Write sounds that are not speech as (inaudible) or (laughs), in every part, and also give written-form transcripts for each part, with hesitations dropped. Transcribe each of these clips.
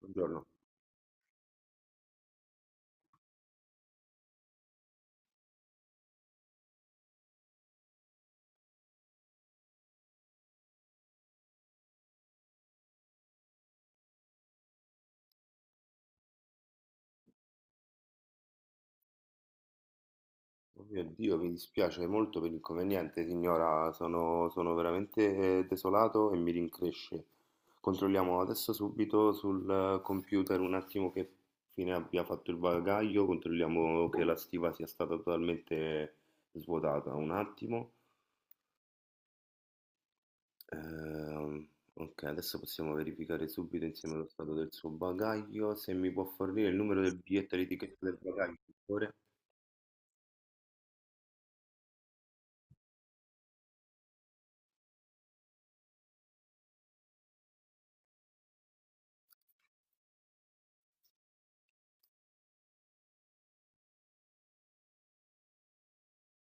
Buongiorno. Oh mio Dio, mi dispiace molto per l'inconveniente, signora. Sono veramente desolato e mi rincresce. Controlliamo adesso subito sul computer un attimo che fine abbia fatto il bagaglio. Controlliamo che la stiva sia stata totalmente svuotata. Un attimo. Ehm, ok, adesso possiamo verificare subito insieme lo stato del suo bagaglio. Se mi può fornire il numero del biglietto di etichetta del bagaglio, per favore.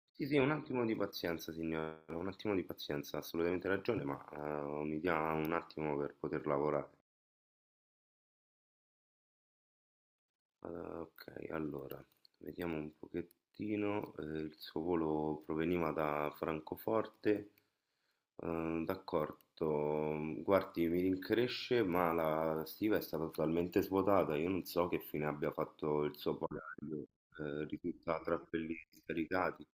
Sì, sì, un attimo di pazienza, signora, un attimo di pazienza, ha assolutamente ragione, ma mi dia un attimo per poter lavorare. Ok, allora, vediamo un pochettino. Il suo volo proveniva da Francoforte. D'accordo, guardi, mi rincresce, ma la stiva è stata totalmente svuotata. Io non so che fine abbia fatto il suo bagaglio. Risulta tra quelli scaricati.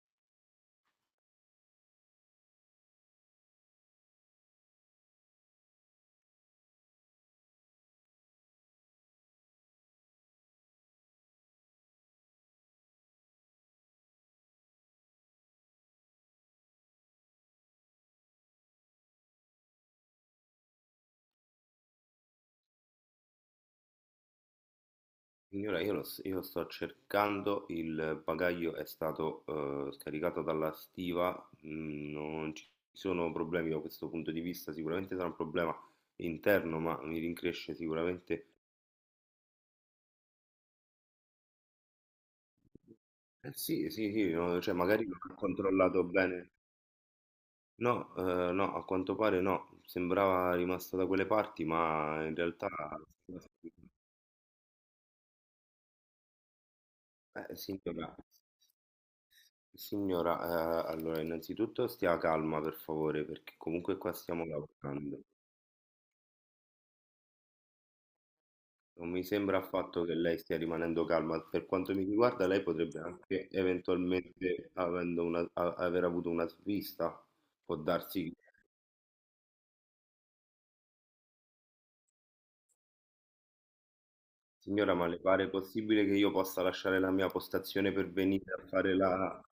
Signora, io, io sto cercando, il bagaglio è stato scaricato dalla stiva, mm, non ci sono problemi da questo punto di vista, sicuramente sarà un problema interno, ma mi rincresce sicuramente. Sì, sì, sì, no, cioè magari non ha controllato bene. No, no, a quanto pare no, sembrava rimasto da quelle parti, ma in realtà... Eh, signora, Signora, allora innanzitutto stia calma per favore, perché comunque qua stiamo lavorando. Non mi sembra affatto che lei stia rimanendo calma. Per quanto mi riguarda, lei potrebbe anche eventualmente aver avuto una svista. Può darsi. Signora, ma le pare possibile che io possa lasciare la mia postazione per venire a fare la...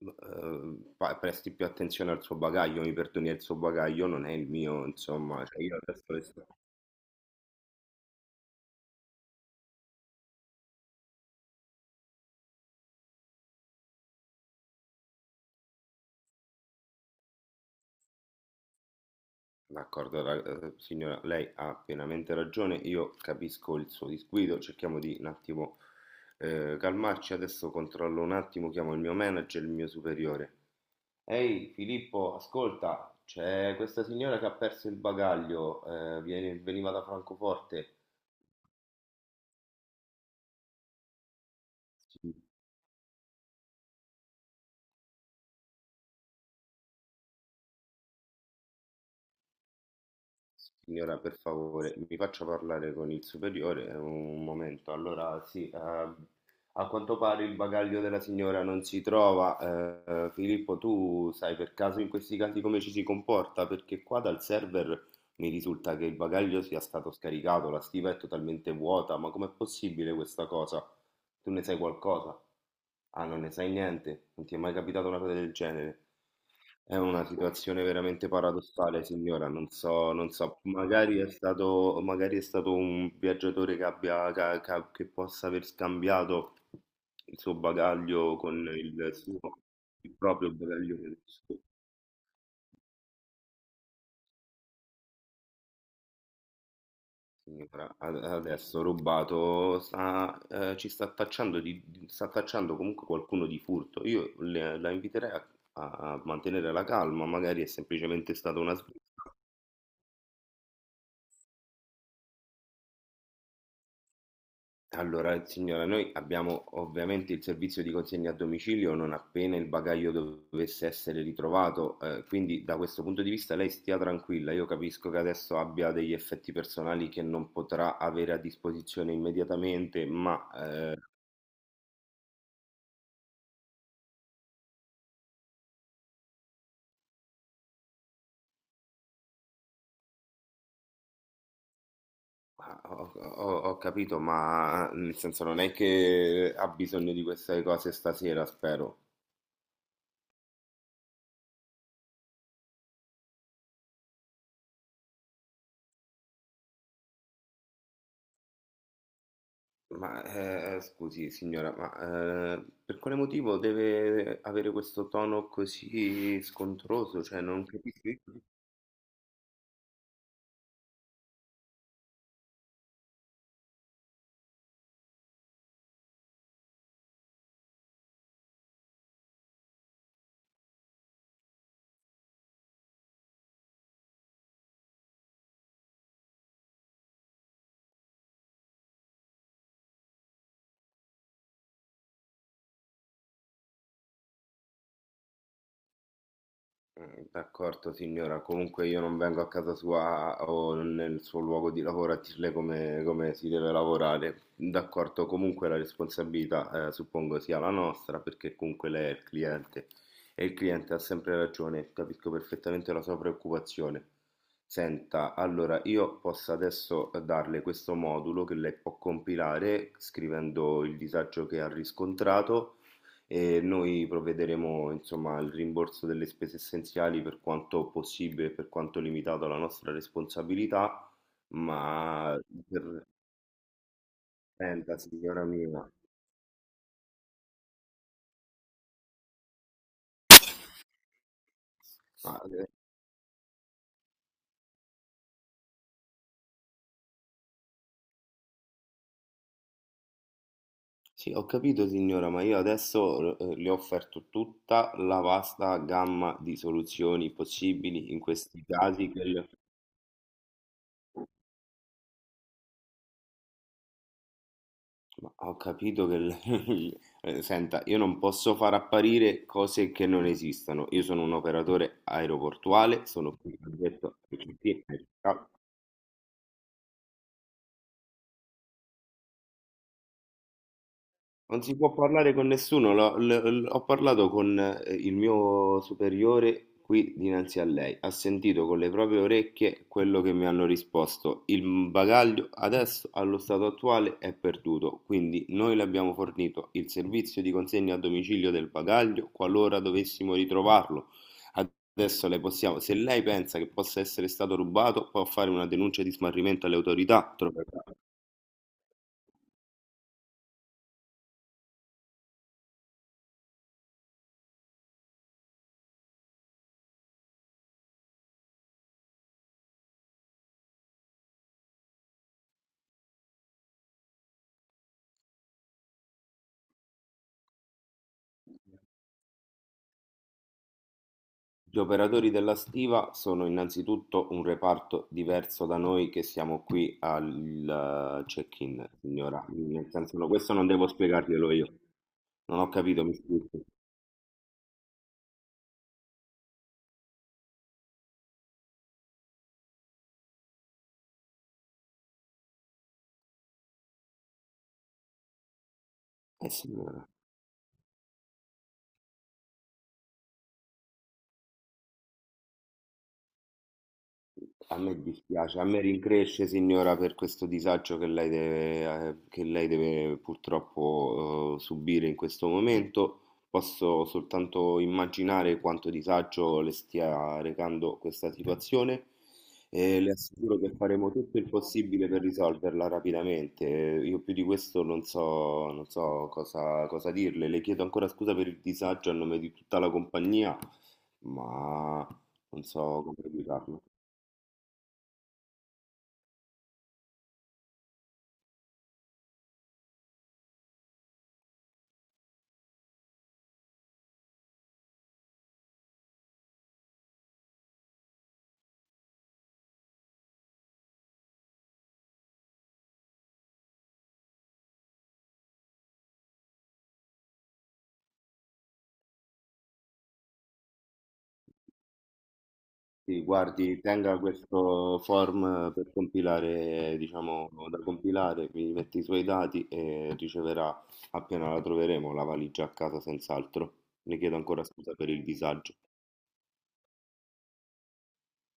Presti più attenzione al suo bagaglio, mi perdoni, il suo bagaglio non è il mio, insomma. Cioè, io adesso le sto... D'accordo, signora, lei ha pienamente ragione, io capisco il suo disguido, cerchiamo di un attimo calmarci, adesso controllo un attimo, chiamo il mio manager, il mio superiore. Ehi Filippo, ascolta, c'è questa signora che ha perso il bagaglio, veniva da Francoforte. Sì. Signora, per favore, mi faccia parlare con il superiore un momento. Allora, sì, a quanto pare il bagaglio della signora non si trova. Filippo, tu sai per caso in questi casi come ci si comporta? Perché qua dal server mi risulta che il bagaglio sia stato scaricato, la stiva è totalmente vuota, ma com'è possibile questa cosa? Tu ne sai qualcosa? Ah, non ne sai niente? Non ti è mai capitata una cosa del genere? È una situazione veramente paradossale, signora. Non so, non so, magari è stato un viaggiatore che abbia, che possa aver scambiato il suo bagaglio con il proprio bagaglio. Adesso rubato sta, ci sta tacciando, sta tacciando comunque qualcuno di furto. La inviterei a, a mantenere la calma, magari è semplicemente stata una svista. Allora, signora, noi abbiamo ovviamente il servizio di consegna a domicilio non appena il bagaglio dovesse essere ritrovato, quindi da questo punto di vista lei stia tranquilla. Io capisco che adesso abbia degli effetti personali che non potrà avere a disposizione immediatamente, ma ah, ho capito, ma nel senso non è che ha bisogno di queste cose stasera, spero. Ma scusi, signora, ma per quale motivo deve avere questo tono così scontroso? Cioè, non capisco. Mm, d'accordo signora, comunque io non vengo a casa sua o nel suo luogo di lavoro a dirle come, come si deve lavorare. D'accordo, comunque la responsabilità suppongo sia la nostra perché comunque lei è il cliente e il cliente ha sempre ragione, capisco perfettamente la sua preoccupazione. Senta, allora io posso adesso darle questo modulo che lei può compilare scrivendo il disagio che ha riscontrato e noi provvederemo, insomma, al rimborso delle spese essenziali per quanto possibile, per quanto limitato alla nostra responsabilità, ma per... Senta, signora mia, ma, sì, ho capito, signora, ma io adesso le ho offerto tutta la vasta gamma di soluzioni possibili in questi casi che le... Ma ho capito che... (laughs) senta, io non posso far apparire cose che non esistono. Io sono un operatore aeroportuale, sono qui soggetto... Sì, ciao. Non si può parlare con nessuno, ho parlato con il mio superiore qui dinanzi a lei, ha sentito con le proprie orecchie quello che mi hanno risposto. Il bagaglio adesso, allo stato attuale, è perduto, quindi noi le abbiamo fornito il servizio di consegna a domicilio del bagaglio qualora dovessimo ritrovarlo. Adesso le possiamo, se lei pensa che possa essere stato rubato, può fare una denuncia di smarrimento alle autorità. Troverà. Gli operatori della stiva sono innanzitutto un reparto diverso da noi che siamo qui al check-in, signora. Nel senso, no, questo non devo spiegarglielo io. Non ho capito, mi scusi. Signora. A me dispiace, a me rincresce, signora, per questo disagio che lei deve purtroppo, subire in questo momento. Posso soltanto immaginare quanto disagio le stia recando questa situazione e le assicuro che faremo tutto il possibile per risolverla rapidamente. Io più di questo non so, non so cosa, cosa dirle. Le chiedo ancora scusa per il disagio a nome di tutta la compagnia, ma non so come spiegarlo. Sì, guardi, tenga questo form per compilare, diciamo, da compilare, mi metti i suoi dati e riceverà appena la troveremo la valigia a casa senz'altro. Le chiedo ancora scusa per il disagio.